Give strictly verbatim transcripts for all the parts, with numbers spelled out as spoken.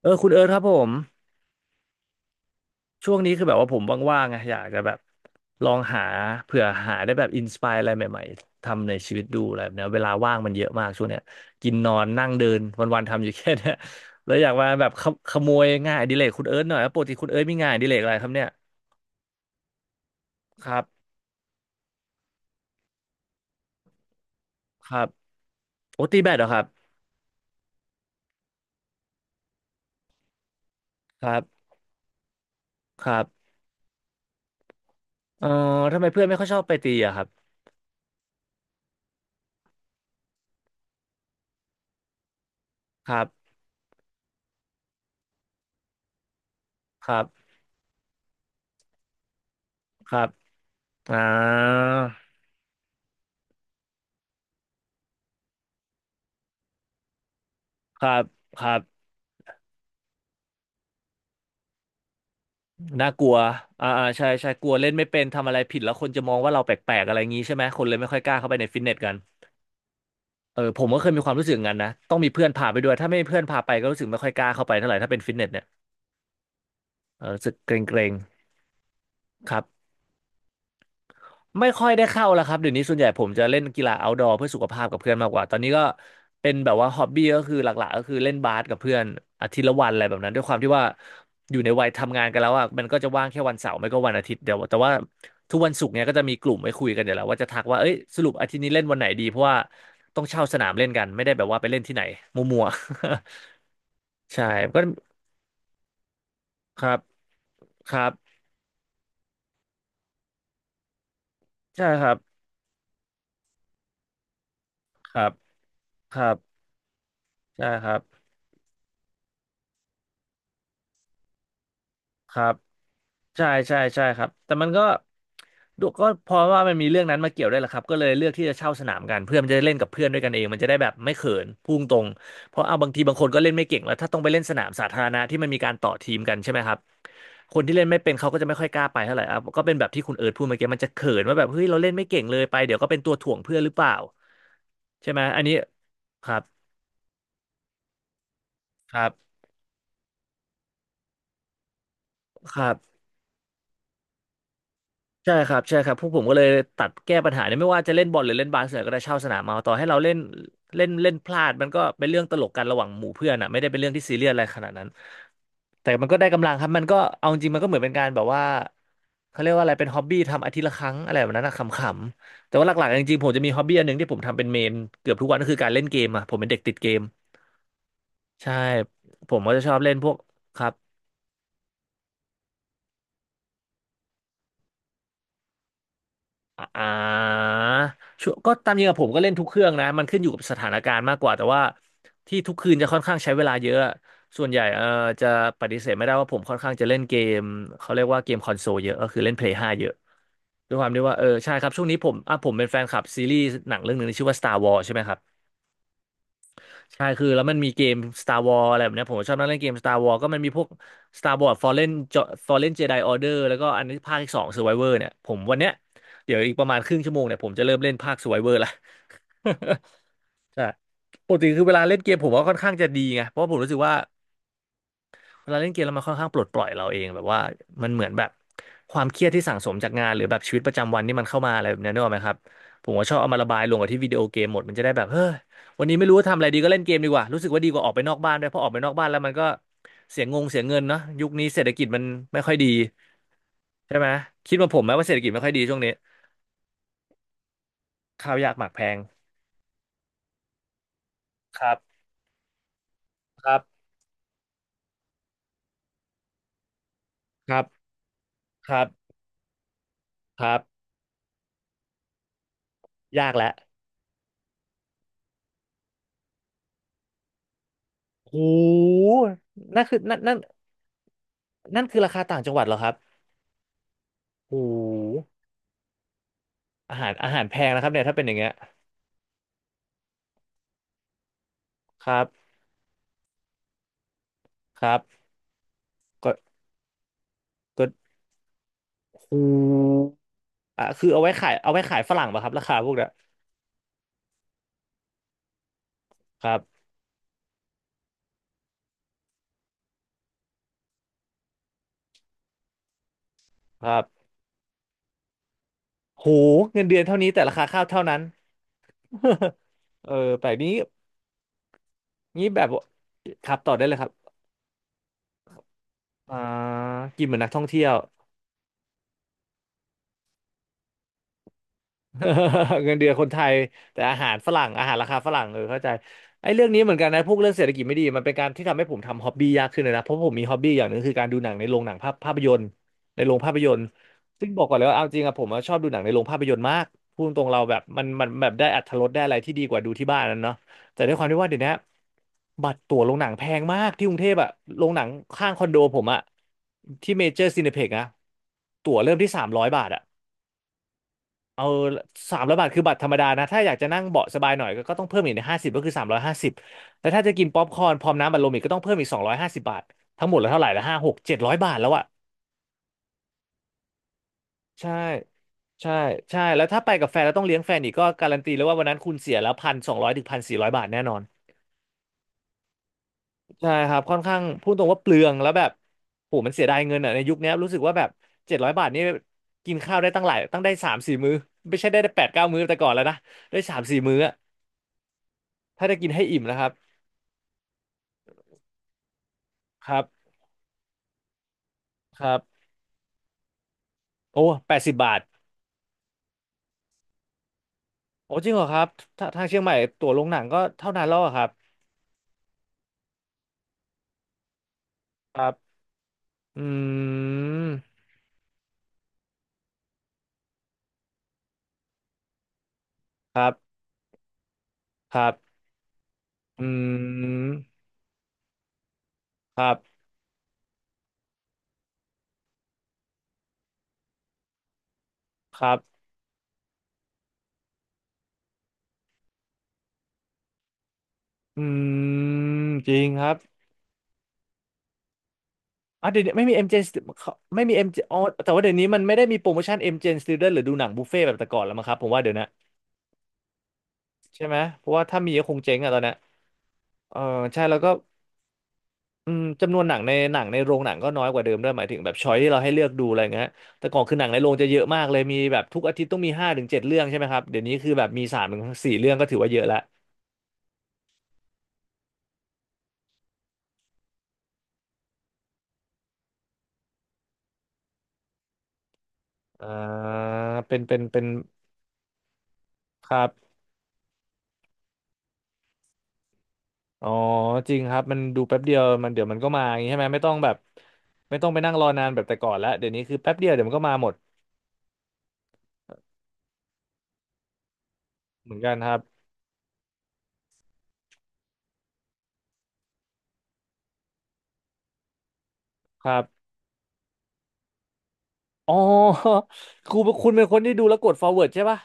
เออคุณเอิร์ธครับผมช่วงนี้คือแบบว่าผมว่างๆไงอยากจะแบบลองหาเผื่อหาได้แบบอินสปายอะไรใหม่ๆทำในชีวิตดูอะไรแบบเนี้ยเวลาว่างมันเยอะมากช่วงเนี้ยกินนอนนั่งเดินวันๆทำอยู่แค่เนี้ย แล้วอยากมาแบบขโขโมยงานอดิเรกคุณเอิร์ธหน่อยว่าปกติคุณเอิร์ธมีงานอดิเรกอะไรครับเนี่ยครับครับโอ้ตีแบดเหรอครับครับครับเออทำไมเพื่อนไม่ค่อยชอบไปตีอะครับครับครับครับอ่าครับครับ น่ากลัวอ่าอ่าใช่ใช่กลัวเล่นไม่เป็นทำอะไรผิดแล้วคนจะมองว่าเราแปลกๆอะไรงี้ใช่ไหมคนเลยไม่ค่อยกล้าเข้าไปในฟิตเนสกันเออผมก็เคยมีความรู้สึกอย่างนั้นนะ ต้องมีเพื่อนพาไปด้วย ถ้าไม่มีเพื่อนพาไปก็รู้สึกไม่ค่อยกล้าเข้าไปเท่าไหร่ถ้าเป็นฟิตเนสเนี่ยเออรู้สึกเกรงๆครับ ไม่ค่อยได้เข้าแล้วครับเดี๋ยวนี้ส่วนใหญ่ผมจะเล่นกีฬา outdoor เพื่อสุขภาพกับเพื่อนมากกว่าตอนนี้ก็เป็นแบบว่าฮอบบี้ก็คือหลักๆก็คือเล่นบาสกับเพื่อนอาทิตย์ละวันอะไรแบบนั้นด้วยความที่ว่าอยู่ในวัยทำงานกันแล้วอ่ะมันก็จะว่างแค่วันเสาร์ไม่ก็วันอาทิตย์เดียวแต่ว่าทุกวันศุกร์เนี้ยก็จะมีกลุ่มไว้คุยกันเดี๋ยวแล้วว่าจะทักว่าเอ้ยสรุปอาทิตย์นี้เล่นวันไหนดีเพราะว่าต้องเช่าสนามเล่นกันไม่ได้แบบว่าไปเล่นที่ไหนมั่วๆ ใช่ก็ครับครับใช่ครับครับครับใช่ครับครับ ใช่ใช่ใช่ครับแต่มันก็ดูก็เพราะว่ามันมีเรื่องนั้นมาเกี่ยวด้วยแหละครับก็เลยเลือกที่จะเช่าสนามกันเพื่อมันจะได้เล่นกับเพื่อนด้วยกันเองมันจะได้แบบไม่เขินพุ่งตรงเพราะเอาบางทีบางคนก็เล่นไม่เก่งแล้วถ้าต้องไปเล่นสนามสาธารณะที่มันมีการต่อทีมกันใช่ไหมครับคนที่เล่นไม่เป็นเขาก็จะไม่ค่อยกล้าไปเท่าไหร่อ่ะก็เป็นแบบที่คุณเอิร์ธพูดเมื่อกี้มันจะเขินว่าแบบเฮ้ยเราเล่นไม่เก่งเลยไปเดี๋ยวก็เป็นตัวถ่วงเพื่อนหรือเปล่าใช่ไหมอันนี้ครับครับครับ ใช่ครับใช่ครับพวกผมก็เลยตัดแก้ปัญหาเนี่ยไม่ว่าจะเล่นบอลหรือเล่นบาสเนี่ยก็ได้เช่าสนามมาต่อให้เราเล่นเล่นเล่นพลาดมันก็เป็นเรื่องตลกกันระหว่างหมู่เพื่อนอ่ะไม่ได้เป็นเรื่องที่ซีเรียสอะไรขนาดนั้นแต่มันก็ได้กำลังครับมันก็เอาจริงมันก็เหมือนเป็นการแบบว่าเขาเรียกว่าอะไรเป็นฮ็อบบี้ทำอาทิตย์ละครั้งอะไรแบบนั้นนะขำๆแต่ว่าหลักๆจริงๆผมจะมีฮ็อบบี้อันหนึ่งที่ผมทำเป็นเมนเกือบทุกวันก็คือการเล่นเกมอ่ะผมเป็นเด็กติดเกมใช่ผมก็จะชอบเล่นพวกครับ อ่าชวร์ก็ตามจริงกับผมก็เล่นทุกเครื่องนะมันขึ้นอยู่กับสถานการณ์มากกว่าแต่ว่าที่ทุกคืนจะค่อนข้างใช้เวลาเยอะส่วนใหญ่เออจะปฏิเสธไม่ได้ว่าผมค่อนข้างจะเล่นเกมเขาเรียกว่าเกมคอนโซลเยอะก็คือเล่น เพลย์ ห้าเยอะด้วยความที่ว่าเออใช่ครับช่วงนี้ผมอ่ะผมเป็นแฟนคลับซีรีส์หนังเรื่องหนึ่งที่ชื่อว่า Star Wars ใช่ไหมครับ ใช่คือแล้วมันมีเกม Star Wars อะไรแบบเนี้ยผมชอบนั่งเล่นเกม Star Wars ก็มันมีพวก Star Wars Fallen Jo- Fallen Jedi Order แล้วก็อันนี้ภาคที่สอง Survivor เนี่ยผมวันเนี้ยเดี๋ยวอีกประมาณครึ่งชั่วโมงเนี่ยผมจะเริ่มเล่นภาค Survivor ละ ใช่ปกติคือเวลาเล่นเกมผมก็ค่อนข้างจะดีไงเพราะผมรู้สึกว่า เวลาเล่นเกมแล้วมันค่อนข้างปลดปล่อยเราเองแบบว่ามันเหมือนแบบความเครียดที่สั่งสมจากงานหรือแบบชีวิตประจำวันที่มันเข้ามาอะไรแบบนี้นึกออกไหมครับผมก็ชอบเอามาระบายลงกับที่วิดีโอเกมหมดมันจะได้แบบเฮ้ยวันนี้ไม่รู้ว่าทำอะไรดีก็เล่นเกมดีกว่ารู้สึกว่าดีกว่าออกไปนอกบ้านด้วยเพราะออกไปนอกบ้านแล้วมันก็เสียงงเสียเงินเนาะยุคนี้เศรษฐกิจมันไม่ค่อยดีใช่ไหมคิดว่าผมไหมว่าเศรษฐกิจไม่ค่อยดีช่วงนี้ข้าวยากหมากแพงครับครับครับครับครับยากแล้วโหนั่นคือนั่นนั่นนั่นคือราคาต่างจังหวัดเหรอครับ โอ้โหอาหารอาหารแพงนะครับเนี่ยถ้าเป็นอย่างเงี้ยครับครับก็ก็โหูอ่ะคือเอาไว้ขายเอาไว้ขายฝรั่งป่ะครับราคาพวกเนี้ยครับครับโหเงินเดือนเท่านี้แต่ราคาข้าวเท่านั้น เออแปลกนี้นี้แบบว่าครับต่อได้เลยครับอ่ากินเหมือนนักท่องเที่ยว เงินเดือนคนไทยแต่อาหารฝรั่งอาหารราคาฝรั่งเออเข้าใจไอ้เรื่องนี้เหมือนกันนะพวกเรื่องเศรษฐกิจไม่ดีมันเป็นการที่ทำให้ผมทำฮ็อบบี้ยากขึ้นเลยนะเพราะผมมีฮ็อบบี้อย่างหนึ่งคือการดูหนังในโรงหนังภาพภาพยนตร์ในโรงภาพยนตร์ซึ่งบอกก่อนเลยว่าเอาจริงอะผมอะชอบดูหนังในโรงภาพยนตร์มากพูดตรงๆเราแบบมันมันแบบได้อรรถรสได้อะไรที่ดีกว่าดูที่บ้านนั่นเนาะแต่ด้วยความที่ว่าเดี๋ยวนี้บัตรตั๋วโรงหนังแพงมากที่กรุงเทพอะโรงหนังข้างคอนโดผมอะที่เมเจอร์ซีเนเพ็กนะตั๋วเริ่มที่สามร้อยบาทอะ เอาสามร้อยบาทคือบัตรธรรมดานะถ้าอยากจะนั่งเบาะสบายหน่อยก็ก็ต้องเพิ่มอีกห้าสิบก็คือสามร้อยห้าสิบแล้วถ้าจะกินป๊อปคอร์นพร้อมน้ำอัดลมอีกก็ต้องเพิ่มอีกสองร้อยห้าสิบบาททั้งหมดแล้วเท่าไหร่ละห้าหกเจ็ดร้อยบาทแล้วอะใช่ใช่ใช่แล้วถ้าไปกับแฟนแล้วต้องเลี้ยงแฟนอีกก็การันตีแล้วว่าวันนั้นคุณเสียแล้วพันสองร้อยถึงพันสี่ร้อยบาทแน่นอนใช่ครับค่อนข้างพูดตรงว่าเปลืองแล้วแบบโหมันเสียดายเงินอ่ะในยุคเนี้ยรู้สึกว่าแบบเจ็ดร้อยบาทนี่กินข้าวได้ตั้งหลายตั้งได้สามสี่มื้อไม่ใช่ได้แปดเก้ามื้อแต่ก่อนแล้วนะได้สามสี่มื้ออะถ้าได้กินให้อิ่มนะครับ ครับครับโอ้แปดสิบบาทโอ้จริงเหรอครับถ้าทางเชียงใหม่ตั๋วโรงหนังก็เท่านั้นแล้วอะครับครับอืมครับครับอืมครับครับอืมจริงครับอ่ะเดี๋ยวนี้ไม่มี เอ็ม จี เอ็ม Stu- เจเขาไม่มีเอ็ม g m อ๋อแต่ว่าเดี๋ยวนี้มันไม่ได้มีโปรโมชั่น เอ็ม จี เอ็ม Student หรือดูหนังบุฟเฟ่ต์แบบแต่ก่อนแล้วมั้งครับผมว่าเดี๋ยวนะใช่ไหมเพราะว่าถ้ามีก็คงเจ๊งอะตอนเนี้ยเออใช่แล้วก็ อืมจำนวนหนังในหนังในโรงหนังก็น้อยกว่าเดิมด้วยหมายถึงแบบช้อยที่เราให้เลือกดูอะไรเงี้ยแต่ก่อนคือหนังในโรงจะเยอะมากเลยมีแบบทุกอาทิตย์ต้องมีห้าถึงเจ็ดเรื่องใช่ไหมครับเดี๋ยวนี้คือแบบมีสามถึงสี่เรื่องก็ถือว่าเยอะละอ่าเป็นเป็นเป็นครับอ๋อจริงครับมันดูแป๊บเดียวมันเดี๋ยวมันก็มาอย่างนี้ใช่ไหมไม่ต้องแบบไม่ต้องไปนั่งรอนานแบบแต่ก่อนละเดี๋ยวนี้คือแป๊บเดียวเดี๋ยวมันก็มาหมดเหมือนกันครับครับอ๋อ ครูคุณเป็นคนที่ดูแล้วกด forward ใช่ปะ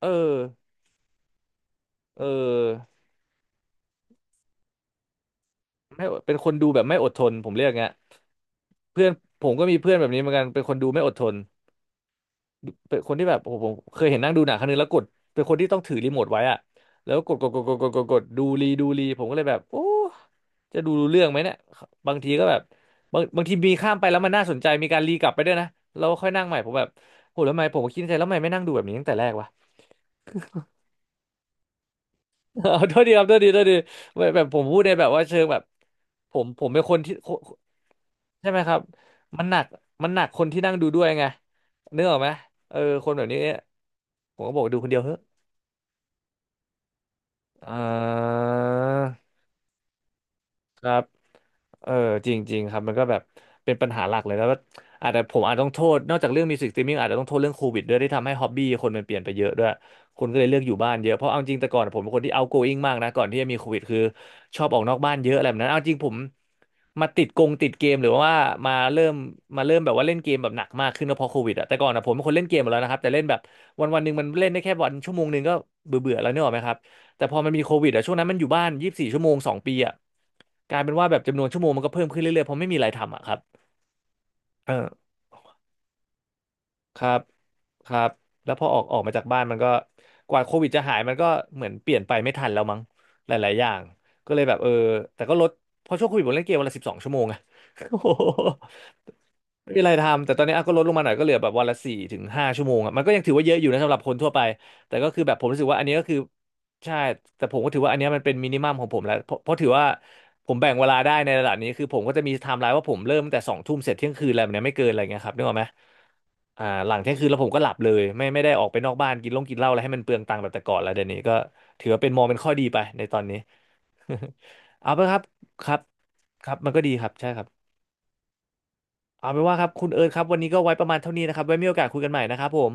เออเออไม่เป็นคนดูแบบไม่อดทนผมเรียกไง เพื่อนผมก็มีเพื่อนแบบนี้เหมือนกันเป็นคนดูไม่อดทนเป็นคนที่แบบโอ้โหผมเคยเห็นนั่งดูหนังครั้งนึงแล้วกดเป็นคนที่ต้องถือรีโมทไว้อะแล้วกดกดกดกดกดกดกดดูรีดูรีผมก็เลยแบบโอ้จะดูรู้เรื่องไหมเนี่ยบางทีก็แบบบางบางทีมีข้ามไปแล้วมันน่าสนใจมีการรีกลับไปด้วยนะเราค่อยนั่งใหม่ผมแบบโหแล้วทำไมผมก็คิดในใจแล้วทำไมไม่นั่งดูแบบนี้ตั้งแต่แรกวะ เอาโทษดีครับโทษดีโทษดีแบบแบบผมพูดในแบบว่าเชิงแบบผมผมเป็นคนที่ ใช่ไหมครับ มันหนัก มันหนักคนที่นั่งดูด้วยไงนึกออกไหมเออคนแบบนี้ผมก็บอกดูคนเดียวเฮ้ยเออครับ เออจริงๆครับมันก็แบบเป็นปัญหาหลักเลยแล้วก็อาจจะผมอาจต้องโทษนอกจากเรื่องมิวสิกสตรีมมิ่งอาจจะต้องโทษเรื่องโควิดด้วยที่ทำให้ฮ็อบบี้คนมันเปลี่ยนไปเยอะด้วยคนก็เลยเลือกอยู่บ้านเยอะเพราะเอาจริงแต่ก่อนผมเป็นคนที่ outgoing มากนะก่อนที่จะมีโควิดคือชอบออกนอกบ้านเยอะอะไรแบบนั้นเอาจริงผมมาติดกงติดเกมหรือว่ามาเริ่มมาเริ่มแบบว่าเล่นเกมแบบหนักมากขึ้นก็เพราะโควิดอะแต่ก่อนอะผมเป็นคนเล่นเกมหมดแล้วนะครับแต่เล่นแบบวันวันหนึ่งมันเล่นได้แค่วันชั่วโมงหนึ่งก็เบื่อเบื่อแล้วเนี่ยหรอกไหมครับ แต่พอมันมีโควิดอะช่วงนั้นมันอยู่บ้านยี่สิบสี่ชั่วโมงสองปีอะกลายเป็นว่าแบบจำนวนชั่วโมงมันก็เพิ่มขึ้นเรื่อยๆเพราะไม่มีอะไรทำอะครับเออครับครับแล้วพอออกออกมาจากบ้านมันก็กว่าโควิดจะหายมันก็เหมือนเปลี่ยนไปไม่ทันแล้วมั้งหลายๆอย่างก็เลยแบบเออแต่ก็ลดเพราะช่วงโควิดผมเล่นเกมวันละสิบสองชั่วโมงอะโอ้โหไม่มีอะไรทำแต่ตอนนี้อ่ะก็ลดลงมาหน่อยก็เหลือแบบวันละสี่ถึงห้าชั่วโมงอะมันก็ยังถือว่าเยอะอยู่นะสำหรับคนทั่วไปแต่ก็คือแบบผมรู้สึกว่าอันนี้ก็คือ ใช่ แต่ผมก็ถือว่าอันเนี้ยมันเป็นมินิมัมของผมแล้วเพราะเพราะถือว่าผมแบ่งเวลาได้ในระดับนี้คือผมก็จะมีไทม์ไลน์ว่าผมเริ่มตั้งแต่สองทุ่มเสร็จเที่ยงคืนอะไรแบบเนี้ยไม่เกินอะไรเงี้ยครับนึกออกไหมอ่าหลังเที่ยงคืนแล้วผมก็หลับเลยไม่ไม่ได้ออกไปนอกบ้านกินเหล้งกินเหล้าอะไรให้มันเปลืองตังค์แบบแต่ก่อนแล้วเดี๋ยวนี้ก็ถือว่าเป็นมองเป็นข้อดีไปในตอนนี้ เอาไปครับครับครับ มันก็ดีครับใช่ครับเอาเป็นว่าครับคุณเอิร์ธครับวันนี้ก็ไว้ประมาณเท่านี้นะครับไว้มีโอกาสคุยกันใหม่นะครับผม